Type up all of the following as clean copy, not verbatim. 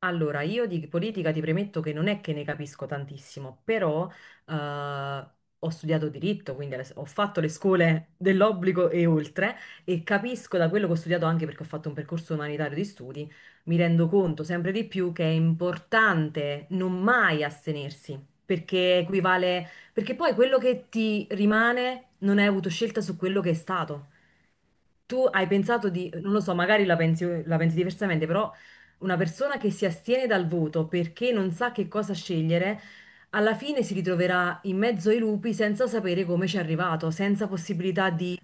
Allora, io di politica ti premetto che non è che ne capisco tantissimo, però eh, ho studiato diritto, quindi ho fatto le scuole dell'obbligo e oltre, e capisco da quello che ho studiato anche perché ho fatto un percorso umanitario di studi, mi rendo conto sempre di più che è importante non mai astenersi, perché equivale, perché poi quello che ti rimane non hai avuto scelta su quello che è stato, tu hai pensato di, non lo so, magari la pensi diversamente, però una persona che si astiene dal voto perché non sa che cosa scegliere, alla fine si ritroverà in mezzo ai lupi senza sapere come ci è arrivato, senza possibilità di,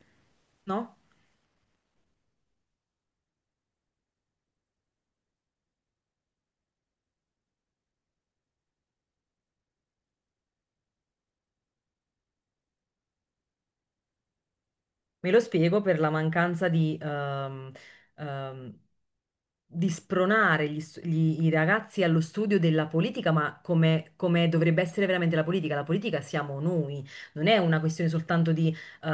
no? Me lo spiego per la mancanza ehm, di spronare i ragazzi allo studio della politica, ma come, come dovrebbe essere veramente la politica. La politica siamo noi, non è una questione soltanto di,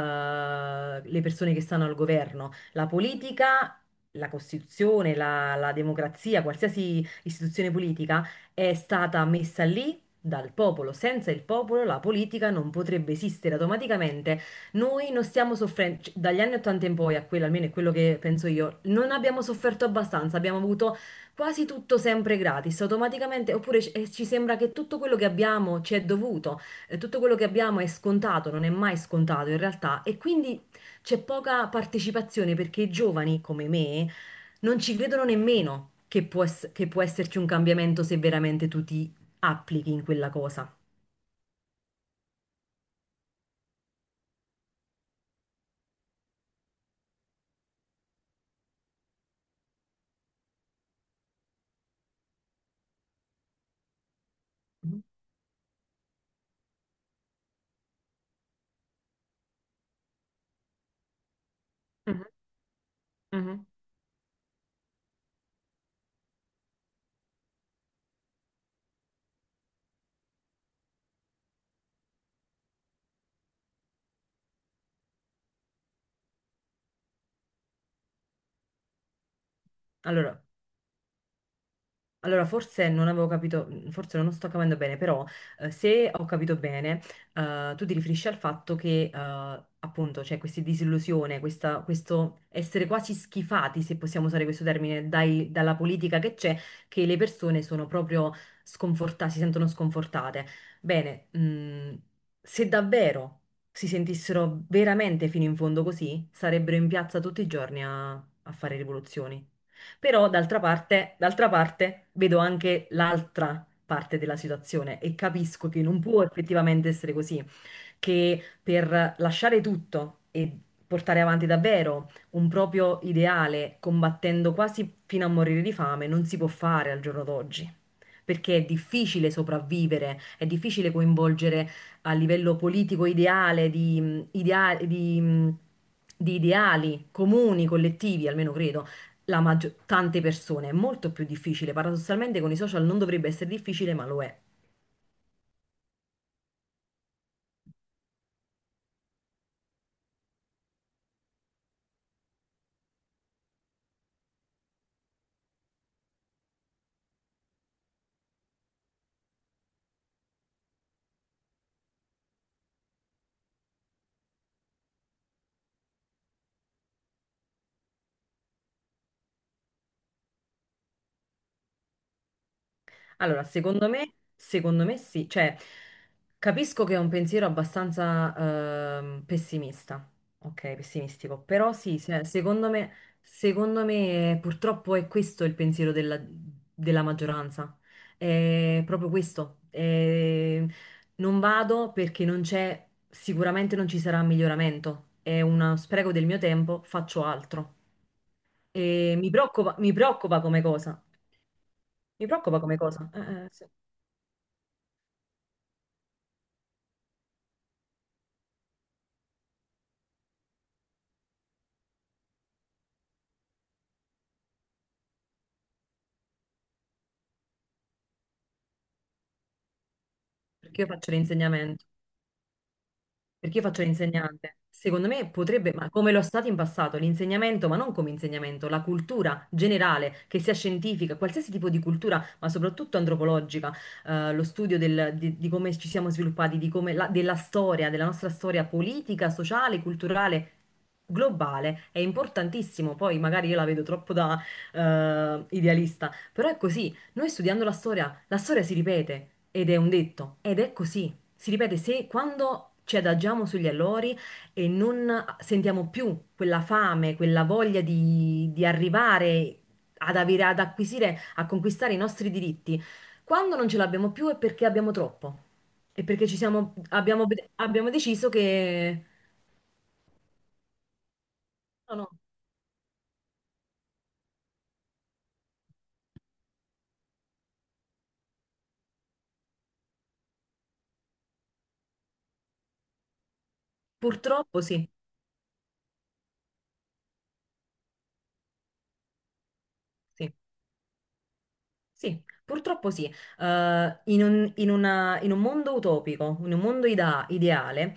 le persone che stanno al governo. La politica, la Costituzione, la democrazia, qualsiasi istituzione politica è stata messa lì. Dal popolo, senza il popolo la politica non potrebbe esistere. Automaticamente noi non stiamo soffrendo, dagli anni 80 in poi, a quello almeno è quello che penso io, non abbiamo sofferto abbastanza, abbiamo avuto quasi tutto sempre gratis, automaticamente, oppure ci sembra che tutto quello che abbiamo ci è dovuto, tutto quello che abbiamo è scontato, non è mai scontato in realtà, e quindi c'è poca partecipazione perché i giovani come me non ci credono nemmeno che può, che può esserci un cambiamento se veramente tu ti applichi in quella cosa. Mhm, mhm, mhm. Allora, Allora, forse non avevo capito, forse non sto capendo bene, però se ho capito bene, tu ti riferisci al fatto che appunto c'è questa disillusione, questo essere quasi schifati, se possiamo usare questo termine, dalla politica che c'è, che le persone sono proprio sconfortate, si sentono sconfortate. Bene, se davvero si sentissero veramente fino in fondo così, sarebbero in piazza tutti i giorni a fare rivoluzioni. Però d'altra parte vedo anche l'altra parte della situazione e capisco che non può effettivamente essere così, che per lasciare tutto e portare avanti davvero un proprio ideale, combattendo quasi fino a morire di fame, non si può fare al giorno d'oggi. Perché è difficile sopravvivere, è difficile coinvolgere a livello politico ideale di, di ideali comuni, collettivi, almeno credo, tante persone. È molto più difficile. Paradossalmente con i social non dovrebbe essere difficile, ma lo è. Allora, secondo me sì, cioè capisco che è un pensiero abbastanza pessimista, ok, pessimistico, però sì, secondo me purtroppo è questo il pensiero della, della maggioranza, è proprio questo, non vado perché non c'è, sicuramente non ci sarà miglioramento, è uno spreco del mio tempo, faccio altro e mi preoccupa come cosa, mi preoccupa come cosa. Sì. Perché io faccio l'insegnamento? Perché io faccio l'insegnante? Secondo me potrebbe, ma come lo è stato in passato, l'insegnamento, ma non come insegnamento, la cultura generale, che sia scientifica, qualsiasi tipo di cultura, ma soprattutto antropologica, lo studio di come ci siamo sviluppati, di come della storia, della nostra storia politica, sociale, culturale, globale, è importantissimo. Poi magari io la vedo troppo da idealista, però è così. Noi studiando la storia si ripete ed è un detto, ed è così. Si ripete, se quando ci adagiamo sugli allori e non sentiamo più quella fame, quella voglia di arrivare ad avere, ad acquisire, a conquistare i nostri diritti, quando non ce l'abbiamo più è perché abbiamo troppo. E perché ci siamo, abbiamo, abbiamo deciso che... No, no, purtroppo sì, sì. Sì, purtroppo sì. In un, in un mondo utopico, in un mondo ideale,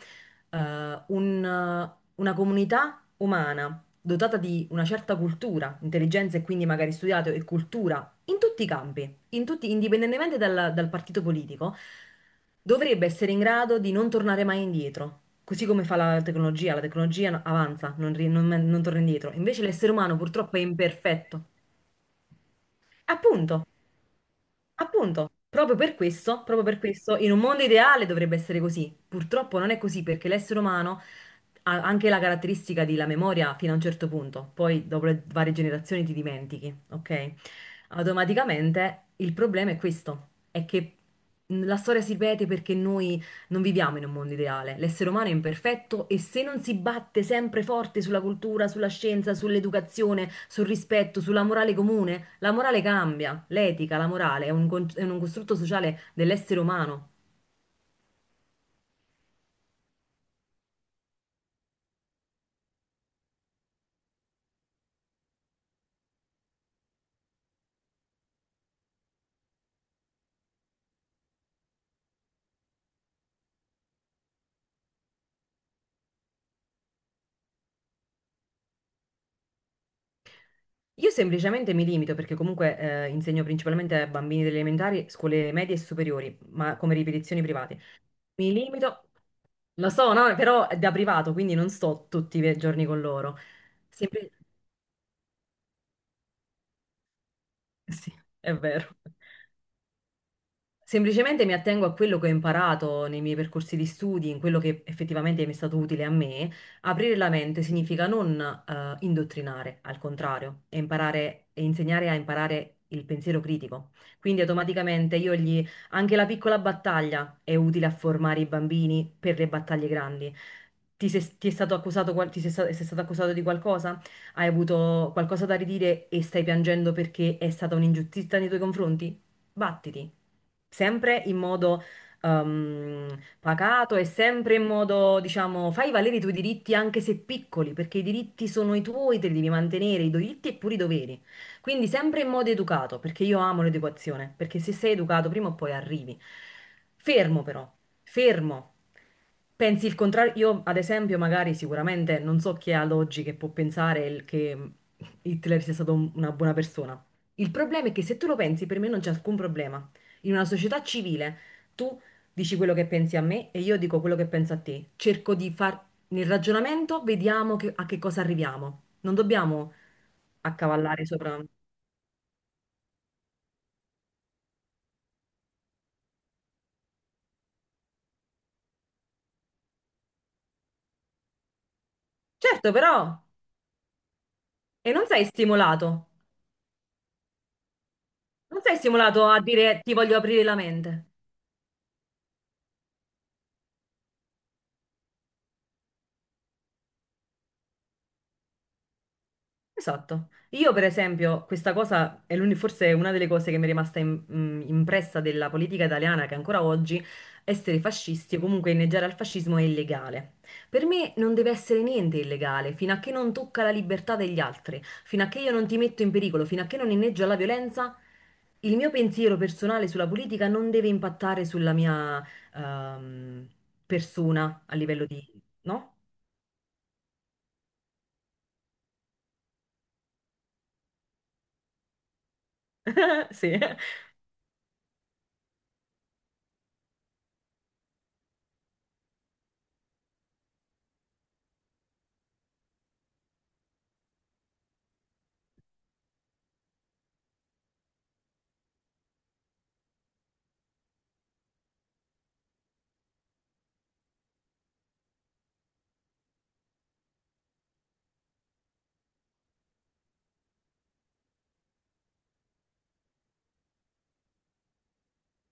una comunità umana dotata di una certa cultura, intelligenza e quindi magari studiato e cultura in tutti i campi, indipendentemente dal, dal partito politico, dovrebbe essere in grado di non tornare mai indietro. Così come fa la tecnologia avanza, non, ri- non non torna indietro. Invece l'essere umano purtroppo è imperfetto. Appunto, Appunto, proprio per questo, in un mondo ideale dovrebbe essere così. Purtroppo non è così perché l'essere umano ha anche la caratteristica della memoria fino a un certo punto, poi dopo le varie generazioni ti dimentichi, ok? Automaticamente il problema è questo, è che la storia si ripete perché noi non viviamo in un mondo ideale, l'essere umano è imperfetto e se non si batte sempre forte sulla cultura, sulla scienza, sull'educazione, sul rispetto, sulla morale comune, la morale cambia, l'etica, la morale è un, è un costrutto sociale dell'essere umano. Io semplicemente mi limito, perché comunque insegno principalmente a bambini delle elementari, scuole medie e superiori, ma come ripetizioni private. Mi limito, lo so, no? Però è da privato, quindi non sto tutti i giorni con loro. Sempli- sì, è vero. Semplicemente mi attengo a quello che ho imparato nei miei percorsi di studi, in quello che effettivamente mi è stato utile a me. Aprire la mente significa non indottrinare, al contrario, e imparare e insegnare a imparare il pensiero critico. Quindi automaticamente io gli, anche la piccola battaglia è utile a formare i bambini per le battaglie grandi. Ti, se- ti è stato accusato, sei stato accusato di qualcosa? Hai avuto qualcosa da ridire e stai piangendo perché è stata un'ingiustizia nei tuoi confronti? Battiti sempre in modo ehm, pacato e sempre in modo, diciamo, fai valere i tuoi diritti anche se piccoli, perché i diritti sono i tuoi, te li devi mantenere, i diritti e pure i doveri. Quindi sempre in modo educato, perché io amo l'educazione, perché se sei educato prima o poi arrivi. Fermo però, fermo. Pensi il contrario? Io, ad esempio, magari sicuramente non so chi è ad oggi che può pensare che Hitler sia stato una buona persona. Il problema è che se tu lo pensi, per me non c'è alcun problema. In una società civile tu dici quello che pensi a me e io dico quello che penso a te. Cerco di far nel ragionamento, vediamo a che cosa arriviamo. Non dobbiamo accavallare sopra. Certo, però, e non sei stimolato. Non sei stimolato a dire ti voglio aprire la mente. Esatto. Io, per esempio, questa cosa è forse è una delle cose che mi è rimasta impressa della politica italiana, che ancora oggi essere fascisti o comunque inneggiare al fascismo è illegale. Per me non deve essere niente illegale, fino a che non tocca la libertà degli altri, fino a che io non ti metto in pericolo, fino a che non inneggio alla violenza, il mio pensiero personale sulla politica non deve impattare sulla mia ehm, persona a livello di... No? Sì,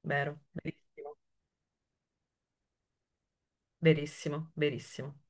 vero, verissimo. Verissimo, verissimo.